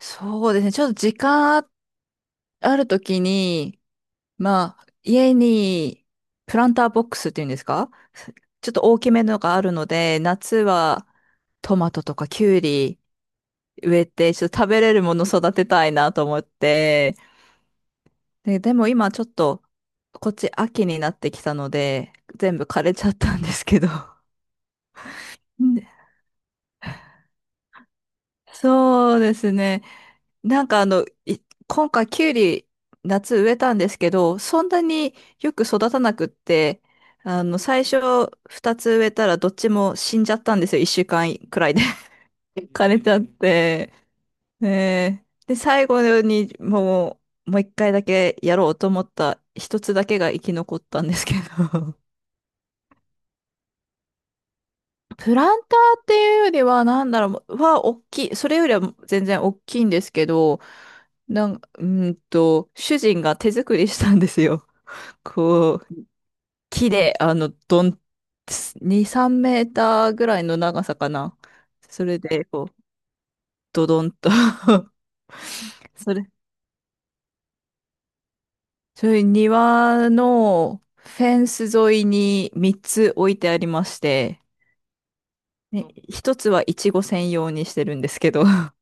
そうですね。ちょっと時間あるときに、まあ、家にプランターボックスっていうんですか？ちょっと大きめのがあるので、夏はトマトとかキュウリ植えて、ちょっと食べれるもの育てたいなと思って。でも今ちょっと、こっち秋になってきたので、全部枯れちゃったんですけど。ね。そうですね。なんかあの、い今回キュウリ夏植えたんですけど、そんなによく育たなくって、あの、最初2つ植えたらどっちも死んじゃったんですよ。1週間くらいで 枯れちゃって。ねえ。で、最後にもう1回だけやろうと思った一つだけが生き残ったんですけど。プランターっていうよりは、なんだろう、大きい。それよりは全然大きいんですけど、なん、うーんと、主人が手作りしたんですよ。こう、木で、2、3メーターぐらいの長さかな。それで、こう、ドドンと それ、それ庭のフェンス沿いに3つ置いてありまして、ね、1つはイチゴ専用にしてるんですけど。 うん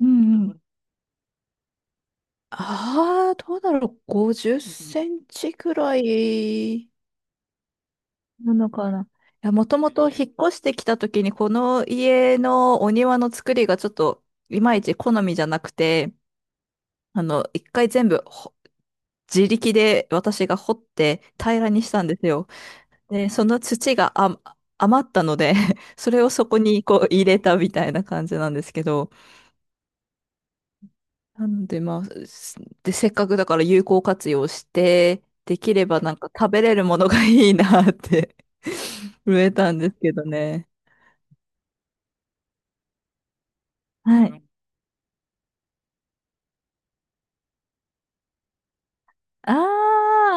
うん。ああ、どうだろう。50センチくらいなのかな。いや、もともと引っ越してきた時に、この家のお庭の作りがちょっといまいち好みじゃなくて、あの、一回全部ほ自力で私が掘って平らにしたんですよ。で、その土が余ったので それをそこにこう入れたみたいな感じなんですけど、なので、で、せっかくだから有効活用して、できればなんか食べれるものがいいなって 植えたんですけどね。はい。あ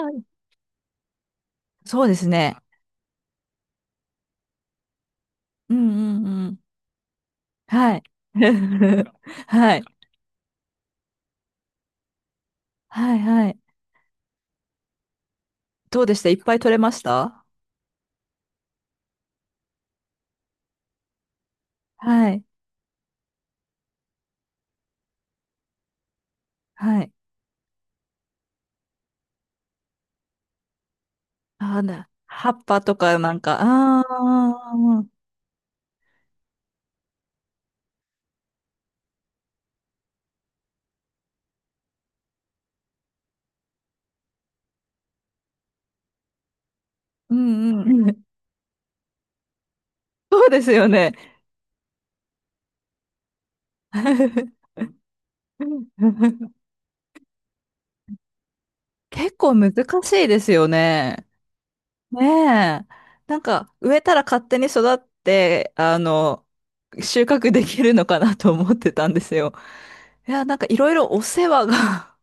あ、そうですね。うんうんうん。はい。はい。はいはい。どうでした？いっぱい取れました？はい。はい。あー、葉っぱとかなんか、ああ、うんうんうん。そうですよね。結構難しいですよね。ねえ。なんか、植えたら勝手に育って、あの、収穫できるのかなと思ってたんですよ。いや、なんかいろいろお世話が。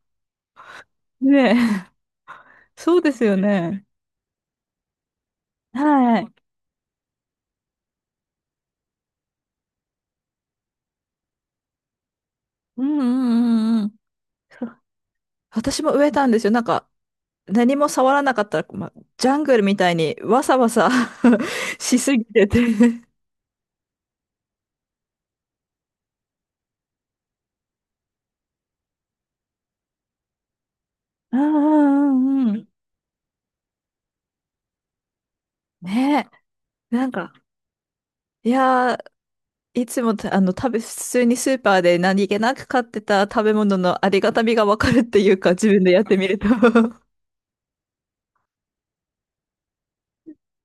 ねえ。そうですよね。はい。うんうんうんうん。そう。私も植えたんですよ。なんか、何も触らなかったら、ま、ジャングルみたいにわさわさ しすぎてて。うんうんうんうん。ねえ。いやー、いつもたあの食べ、普通にスーパーで何気なく買ってた食べ物のありがたみがわかるっていうか、自分でやってみると。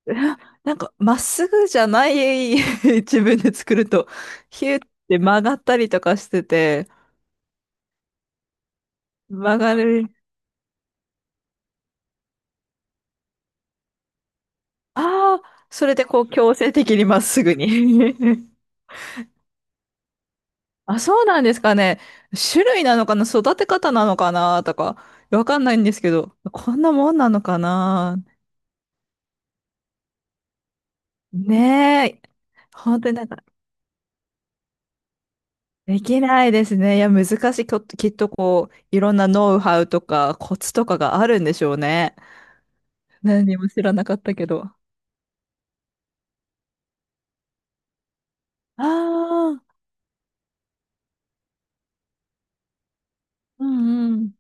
なんか、まっすぐじゃない。 自分で作ると、ヒューって曲がったりとかしてて、曲がる。ああ、それでこう強制的にまっすぐに。 あ、そうなんですかね。種類なのかな、育て方なのかなとか、わかんないんですけど、こんなもんなのかな。ねえ。本当になんかできないですね。いや、難しい。きっとこう、いろんなノウハウとかコツとかがあるんでしょうね。何も知らなかったけど。ああ、うんうん。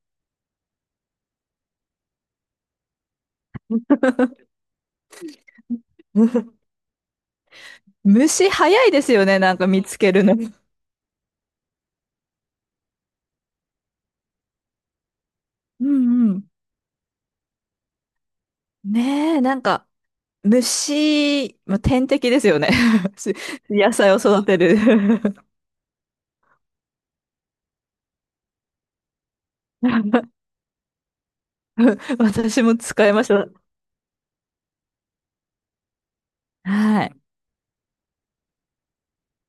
虫早いですよね、なんか見つけるの。うんうん。ねえ、なんか、虫、まあ、天敵ですよね。し野菜を育てる。 私も使いました。はい。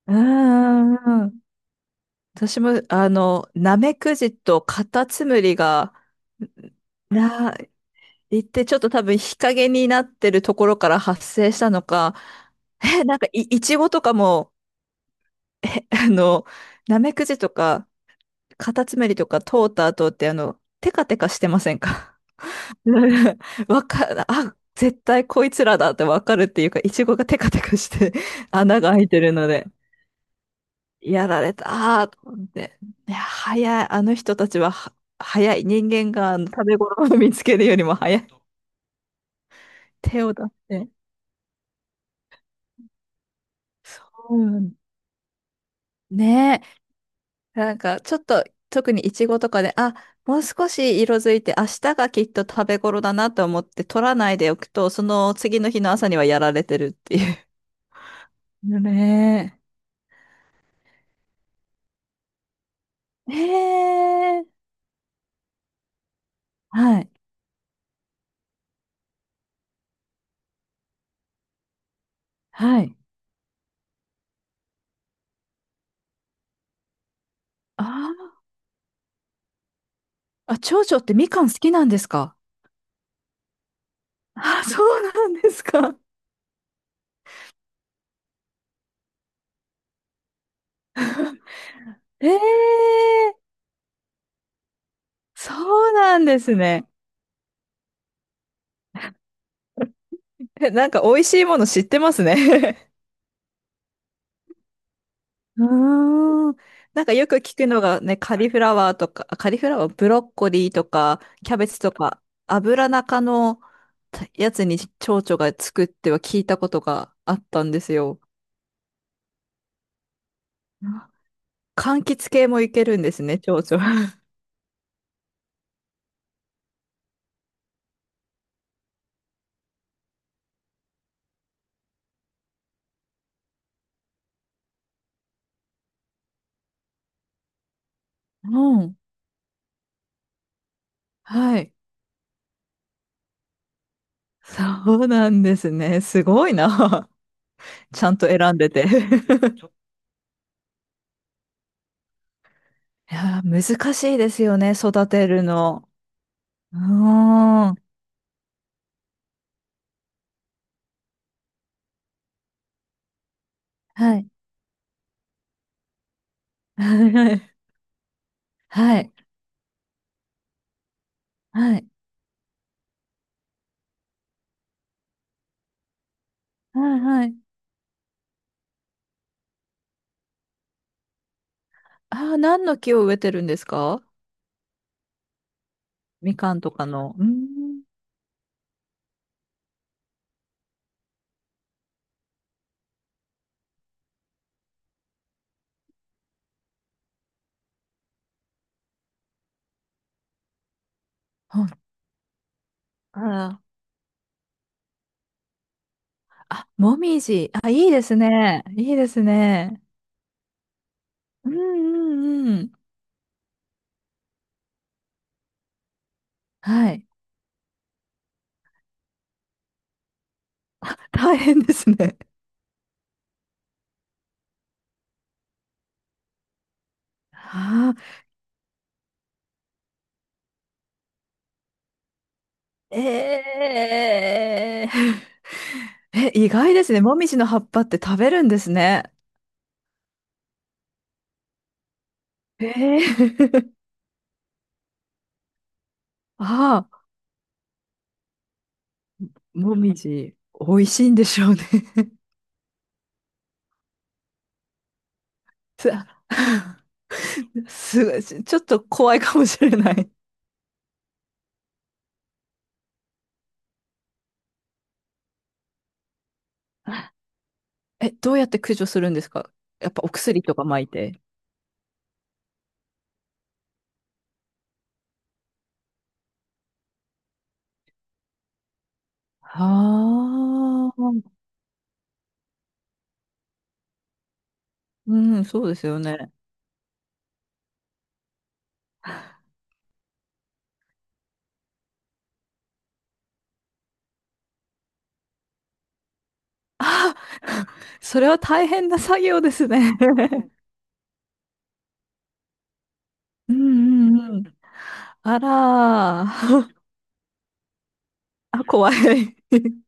うんうんうん。私も、あの、ナメクジとカタツムリが、な、言ってちょっと多分日陰になってるところから発生したのか、え、なんかい、いちごとかも、あの、ナメクジとか、カタツムリとか通った後って、あの、テカテカしてませんか？ あ、絶対こいつらだってわかるっていうか、いちごがテカテカして穴が開いてるので。やられたーと思って。いや、早い。あの人たちは早い。人間があの食べ頃を見つけるよりも早い。手を出して。うん。ねえ。なんか、ちょっと、特にイチゴとかで、あ、もう少し色づいて、明日がきっと食べ頃だなと思って取らないでおくと、その次の日の朝にはやられてるっていう。ねえ。えー。はい。はい。あー。あ、長女ってみかん好きなんですか？あ、そうなんですか。ええ。そうなんですね。え、なんか美味しいもの知ってますね。 うーん。なんかよく聞くのがね、カリフラワーとか、あ、カリフラワー、ブロッコリーとか、キャベツとか、油中のやつに蝶々がつくって聞いたことがあったんですよ。あ、柑橘系もいけるんですね、蝶々。うん。はい。そうなんですね。すごいな。ちゃんと選んでて。 いやー、難しいですよね、育てるの。うーん。はい。はい。はい。はい。はい。はい。ああ、何の木を植えてるんですか？みかんとかの。うーん。はい。あら。あ、もみじ。あ、いいですね。いいですね。うんうんうん。はい。あ。大変ですね。ああ、えー、え、意外ですね。もみじの葉っぱって食べるんですね。ええ。 あ。もみじ、美味しいんでしょうね。さ。 すごい、ちょっと怖いかもしれない。え、どうやって駆除するんですか？やっぱお薬とか撒いて。はあ、うん、そうですよね。それは大変な作業ですね。うんうんうん。あらー。あ、怖い。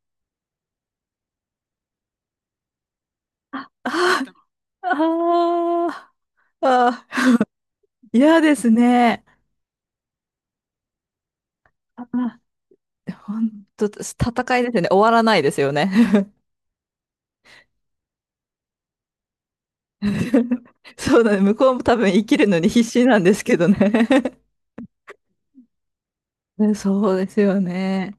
あー、あー、あー、嫌ですね。あ、本当戦いですよね。終わらないですよね。そうだね。向こうも多分生きるのに必死なんですけどね。ね。そうですよね。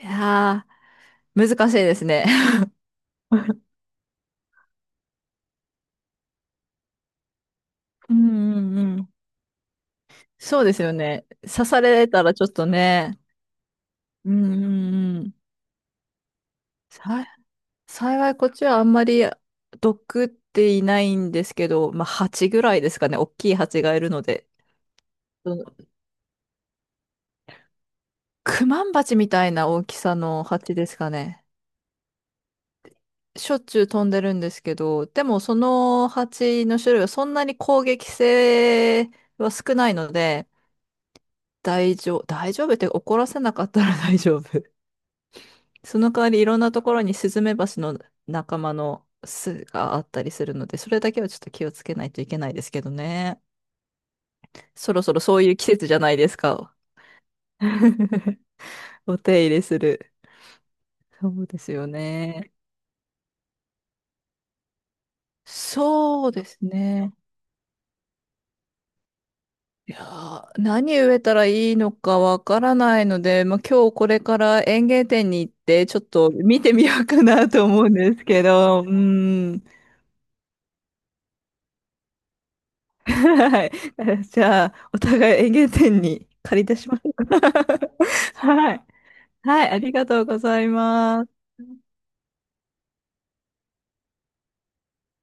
いやー、難しいですね。うんうんうん。そうですよね。刺されたらちょっとね。うんうんうん。さ、幸いこっちはあんまり毒っていないんですけど、まあ蜂ぐらいですかね。大きい蜂がいるので。そのクマンバチみたいな大きさの蜂ですかね。しょっちゅう飛んでるんですけど、でもその蜂の種類はそんなに攻撃性は少ないので、大丈夫、大丈夫って怒らせなかったら 大丈夫。その代わりいろんなところにスズメバチの仲間の巣があったりするので、それだけはちょっと気をつけないといけないですけどね。そろそろそういう季節じゃないですか。お手入れする。そうですよね。そうですね。いやー、何植えたらいいのかわからないので、まあ、今日これから園芸店に行って、ちょっと見てみようかなと思うんですけど、うーん。はい。じゃあ、お互い園芸店に借り出しましょうか。はい。はい、ありがとうございます。